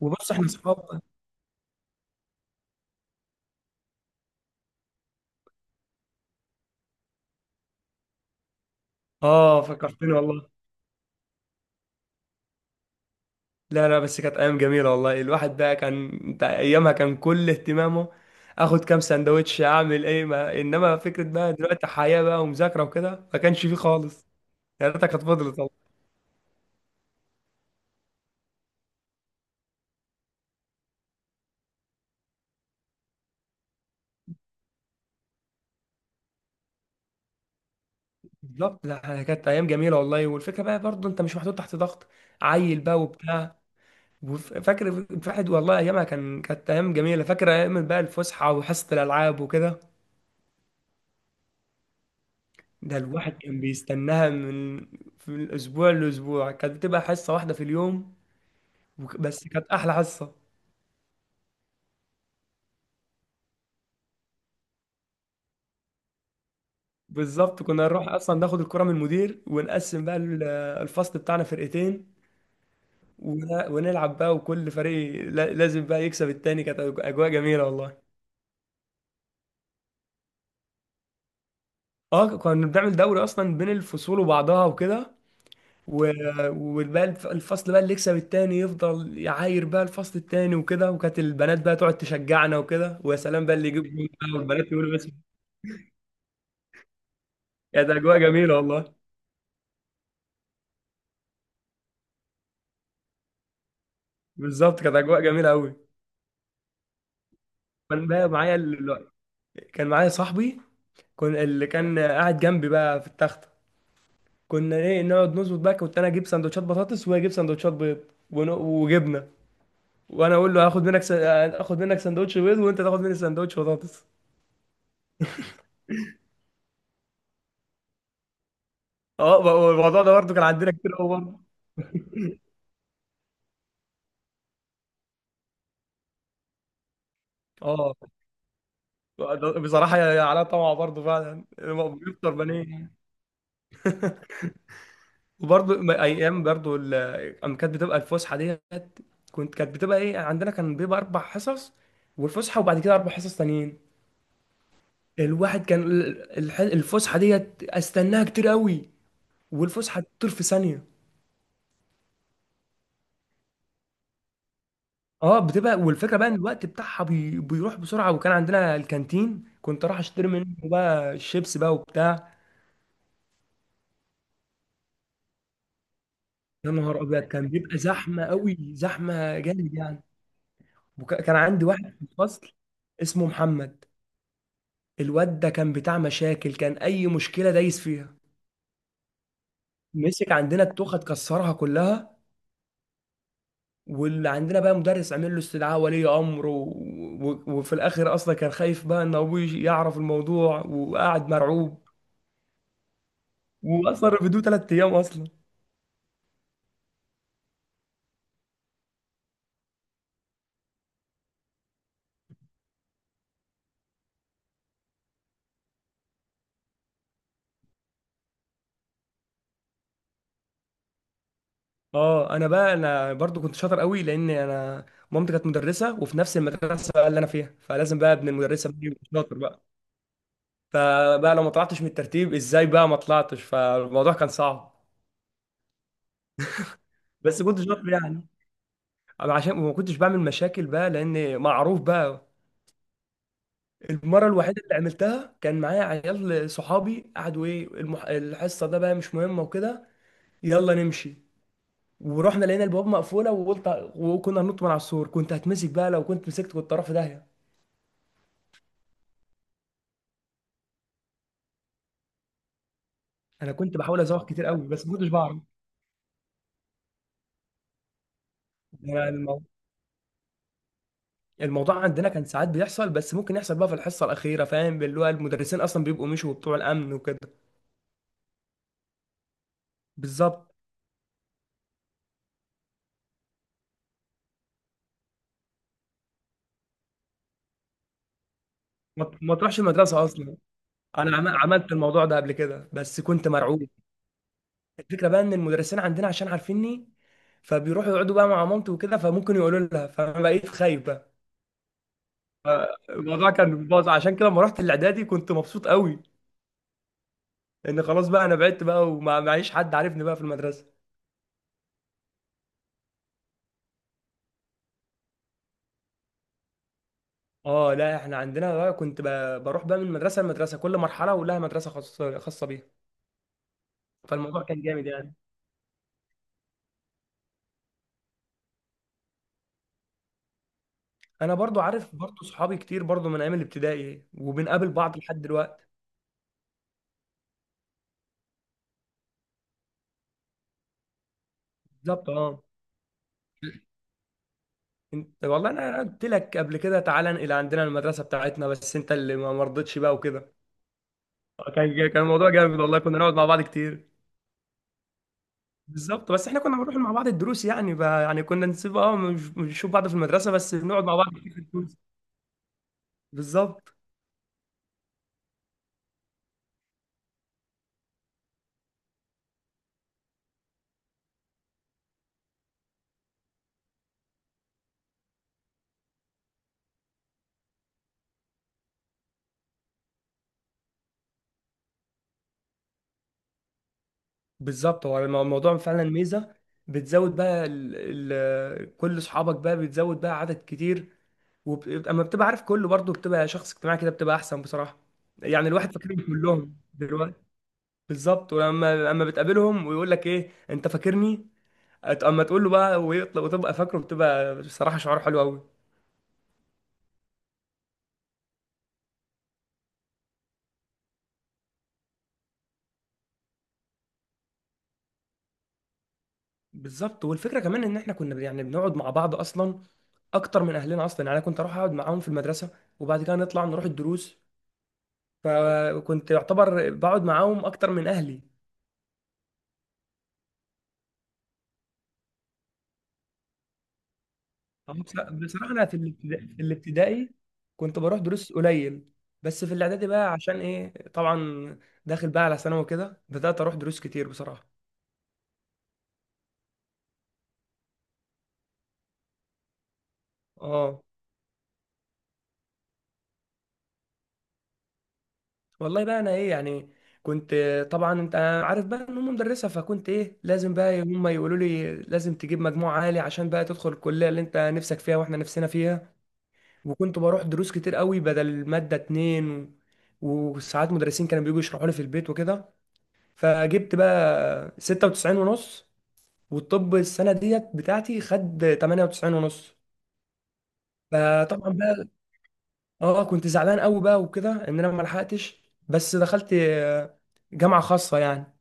وبص احنا صحاب. اه، فكرتني والله. لا لا، بس كانت ايام جميله والله، الواحد بقى كان انت ايامها كان كل اهتمامه اخد كام سندوتش اعمل ايه، ما انما فكره بقى دلوقتي حياه بقى ومذاكره وكده ما كانش فيه خالص. يا ريتها كانت فضلت والله. بالظبط، لا كانت ايام جميله والله، والفكره بقى برضه انت مش محطوط تحت ضغط عيل بقى وبتاع. فاكر الواحد والله ايامها كانت ايام جميله، فاكر ايام بقى الفسحه وحصه الالعاب وكده. ده الواحد كان بيستناها في الأسبوع لأسبوع، كانت بتبقى حصة واحدة في اليوم. بس كانت أحلى حصة. بالظبط، كنا نروح أصلا ناخد الكرة من المدير ونقسم بقى الفصل بتاعنا فرقتين، ونلعب بقى وكل فريق لازم بقى يكسب التاني، كانت أجواء جميلة والله. اه، كنا بنعمل دوري أصلا بين الفصول وبعضها وكده. و- وبقى الفصل بقى اللي يكسب التاني يفضل يعاير بقى الفصل التاني وكده، وكانت البنات بقى تقعد تشجعنا وكده، ويا سلام بقى اللي يجيب جول بقى والبنات يقولوا بس. كانت اجواء جميله والله. بالظبط، كانت اجواء جميله قوي. كان بقى معايا ال... كان معايا صاحبي، كان اللي كان قاعد جنبي بقى في التخته. كنا ايه نقعد نظبط بقى، كنت انا اجيب سندوتشات بطاطس وهو يجيب سندوتشات بيض وجبنه، وانا اقول له هاخد منك اخد منك سندوتش بيض وانت تاخد مني سندوتش بطاطس. اه الموضوع ده برضه كان عندنا كتير قوي برضه. اه. بصراحة يا يا علاء طمع برضه فعلا هو بيفطر بانيه. وبرضه أيام برضه أما كانت بتبقى الفسحة ديت. كنت كانت بتبقى إيه، عندنا كان بيبقى 4 حصص والفسحة وبعد كده 4 حصص تانيين. الواحد كان الفسحة ديت أستناها كتير قوي، والفسحة تطير في ثانية. اه، بتبقى والفكرة بقى إن الوقت بتاعها بيروح بسرعة، وكان عندنا الكانتين كنت راح أشتري منه بقى الشيبس بقى وبتاع. يا نهار أبيض، كان بيبقى زحمة قوي، زحمة جامد يعني. كان عندي واحد في الفصل اسمه محمد. الواد ده كان بتاع مشاكل، كان اي مشكله دايس فيها، مسك عندنا التوخه اتكسرها كلها، واللي عندنا بقى مدرس عمل له استدعاء ولي امر وفي الاخر اصلا كان خايف بقى ان ابوه يجي يعرف الموضوع وقاعد مرعوب، واصلا رفدوه 3 ايام اصلا. اه انا برضو كنت شاطر قوي، لان انا مامتي كانت مدرسه وفي نفس المدرسه بقى اللي انا فيها، فلازم بقى ابن المدرسه بقى يبقى شاطر بقى. فبقى لو ما طلعتش من الترتيب، ازاي بقى ما طلعتش، فالموضوع كان صعب. بس كنت شاطر يعني. عشان ما كنتش بعمل مشاكل بقى لان معروف بقى. المره الوحيده اللي عملتها كان معايا عيال صحابي قعدوا ايه، الحصه ده بقى مش مهمه وكده، يلا نمشي. ورحنا لقينا البواب مقفوله وقلت، وكنا هننط من على السور، كنت هتمسك بقى، لو كنت مسكت كنت طرف داهيه. انا كنت بحاول ازوق كتير قوي بس ما كنتش بعرف يعني. الموضوع عندنا كان ساعات بيحصل، بس ممكن يحصل بقى في الحصه الاخيره، فاهم اللي هو المدرسين اصلا بيبقوا مشوا بتوع الامن وكده. بالظبط، ما تروحش المدرسه اصلا. انا عملت الموضوع ده قبل كده بس كنت مرعوب. الفكره بقى ان المدرسين عندنا عشان عارفيني فبيروحوا يقعدوا بقى مع مامتي وكده، فممكن يقولوا لها، فانا بقيت خايف بقى. الموضوع كان باظ، عشان كده لما رحت الاعدادي كنت مبسوط قوي. ان خلاص بقى انا بعدت بقى ومعيش حد عارفني بقى في المدرسه. اه، لا احنا عندنا بقى كنت بروح بقى من مدرسه لمدرسه، كل مرحله ولها مدرسه خاصه خاصه بيها، فالموضوع كان جامد يعني. انا برضو عارف برضو صحابي كتير برضو من ايام الابتدائي، وبنقابل بعض لحد دلوقتي. بالظبط اه. انت والله أنا قلت لك قبل كده تعالى انقل عندنا المدرسه بتاعتنا، بس انت اللي ما مرضتش بقى وكده. كان الموضوع جامد والله، كنا نقعد مع بعض كتير. بالظبط، بس احنا كنا بنروح مع بعض الدروس يعني بقى، يعني كنا نسيب اه، مش بنشوف بعض في المدرسه بس بنقعد مع بعض كتير. بالظبط. بالظبط، هو الموضوع فعلا ميزه. بتزود بقى كل اصحابك بقى بتزود بقى عدد كتير. اما بتبقى عارف كله برضه بتبقى شخص اجتماعي كده، بتبقى احسن بصراحه. يعني الواحد فاكرهم كلهم دلوقتي. بالظبط، ولما اما بتقابلهم ويقول لك ايه انت فاكرني، اما تقول له بقى ويطلع وتبقى فاكره، بتبقى بصراحه شعور حلو قوي. بالظبط. والفكره كمان ان احنا كنا يعني بنقعد مع بعض اصلا اكتر من اهلنا اصلا، يعني انا كنت اروح اقعد معاهم في المدرسه وبعد كده نطلع نروح الدروس، فكنت يعتبر بقعد معاهم اكتر من اهلي. طب بصراحه انا في الابتدائي كنت بروح دروس قليل، بس في الاعدادي بقى عشان ايه طبعا، داخل بقى على ثانوي كده، بدات اروح دروس كتير بصراحه. اه، والله بقى انا ايه يعني، كنت طبعا انت عارف بقى ان هم مدرسه، فكنت ايه لازم بقى هم يقولوا لي لازم تجيب مجموع عالي عشان بقى تدخل الكليه اللي انت نفسك فيها واحنا نفسنا فيها. وكنت بروح دروس كتير قوي بدل مادة 2 و... وساعات مدرسين كانوا بييجوا يشرحوا لي في البيت وكده. فجبت بقى 96.5، والطب السنة ديت بتاعتي خد 98.5. فطبعا بقى اه كنت زعلان قوي بقى وكده ان انا ما لحقتش، بس دخلت آه، جامعة خاصة يعني.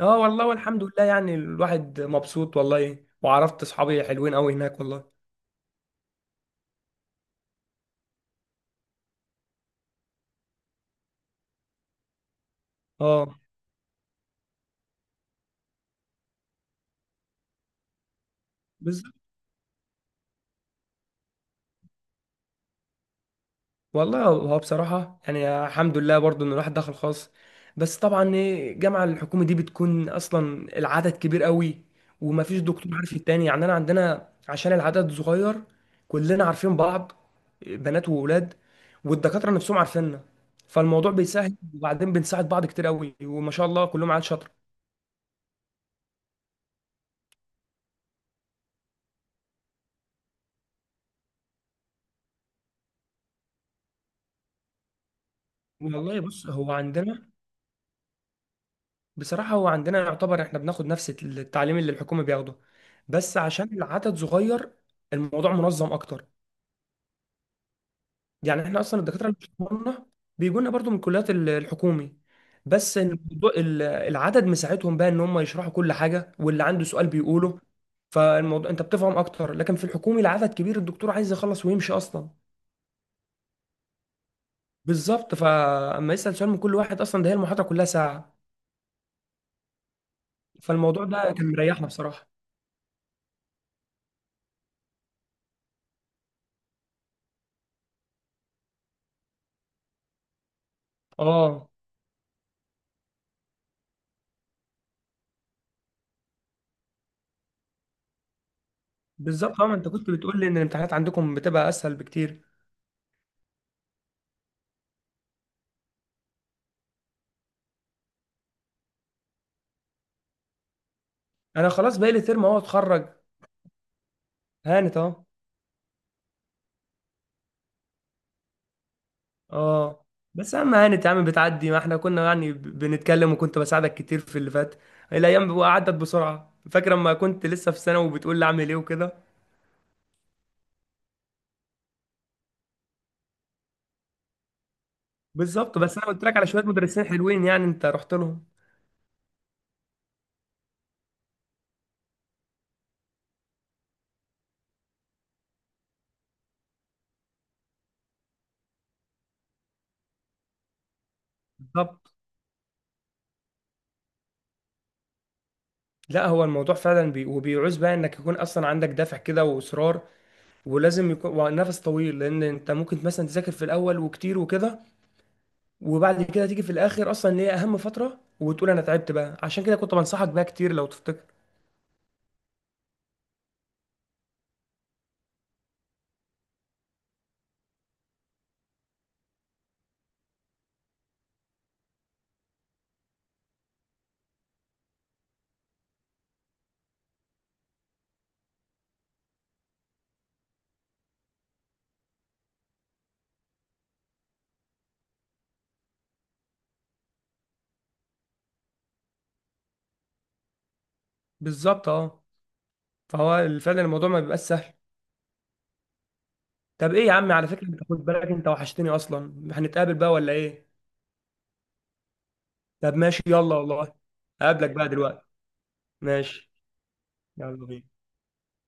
اه والله والحمد لله يعني الواحد مبسوط والله، وعرفت اصحابي حلوين قوي هناك والله. اه والله، هو بصراحة يعني الحمد لله برضو إن الواحد دخل خاص، بس طبعا إيه، الجامعة الحكومي دي بتكون أصلا العدد كبير قوي، ومفيش دكتور عارف التاني. يعني أنا عندنا عشان العدد صغير، كلنا عارفين بعض، بنات وولاد، والدكاترة نفسهم عارفيننا، فالموضوع بيسهل. وبعدين بنساعد بعض كتير قوي، وما شاء الله كلهم عيال شاطرة. والله بص هو عندنا بصراحة، هو عندنا يعتبر إحنا بناخد نفس التعليم اللي الحكومة بياخده، بس عشان العدد صغير الموضوع منظم أكتر. يعني احنا اصلا الدكاتره اللي بيشرحولنا بيجونا برضو من الكليات الحكومي، بس الموضوع العدد مساعدهم بقى ان هم يشرحوا كل حاجه واللي عنده سؤال بيقوله، فالموضوع انت بتفهم اكتر. لكن في الحكومي العدد كبير، الدكتور عايز يخلص ويمشي اصلا. بالظبط، فاما يسال سؤال من كل واحد اصلا، ده هي المحاضره كلها ساعه. فالموضوع ده كان مريحنا بصراحه. اه. بالظبط اه، ما انت كنت بتقول لي ان الامتحانات عندكم بتبقى اسهل بكتير. انا خلاص بقالي ترم اهو اتخرج، هانت اهو. اه بس اهم يعني يا عم بتعدي، ما احنا كنا يعني بنتكلم وكنت بساعدك كتير في اللي فات، الايام عدت بسرعه، فاكر لما كنت لسه في ثانوي وبتقول لي اعمل ايه وكده. بالظبط، بس انا قلت لك على شويه مدرسين حلوين، يعني انت رحت لهم. بالظبط. لا هو الموضوع فعلا وبيعوز بقى انك يكون اصلا عندك دافع كده واصرار، ولازم يكون ونفس طويل، لان انت ممكن مثلا تذاكر في الاول وكتير وكده، وبعد كده تيجي في الاخر اصلا اللي هي اهم فتره وتقول انا تعبت بقى، عشان كده كنت بنصحك بقى كتير لو تفتكر. بالظبط اه. فهو فعلا الموضوع ما بيبقاش سهل. طب ايه يا عم، على فكره انت خد بالك انت وحشتني اصلا، هنتقابل بقى ولا ايه؟ طب ماشي يلا والله، اقابلك بقى دلوقتي. ماشي، يلا بينا.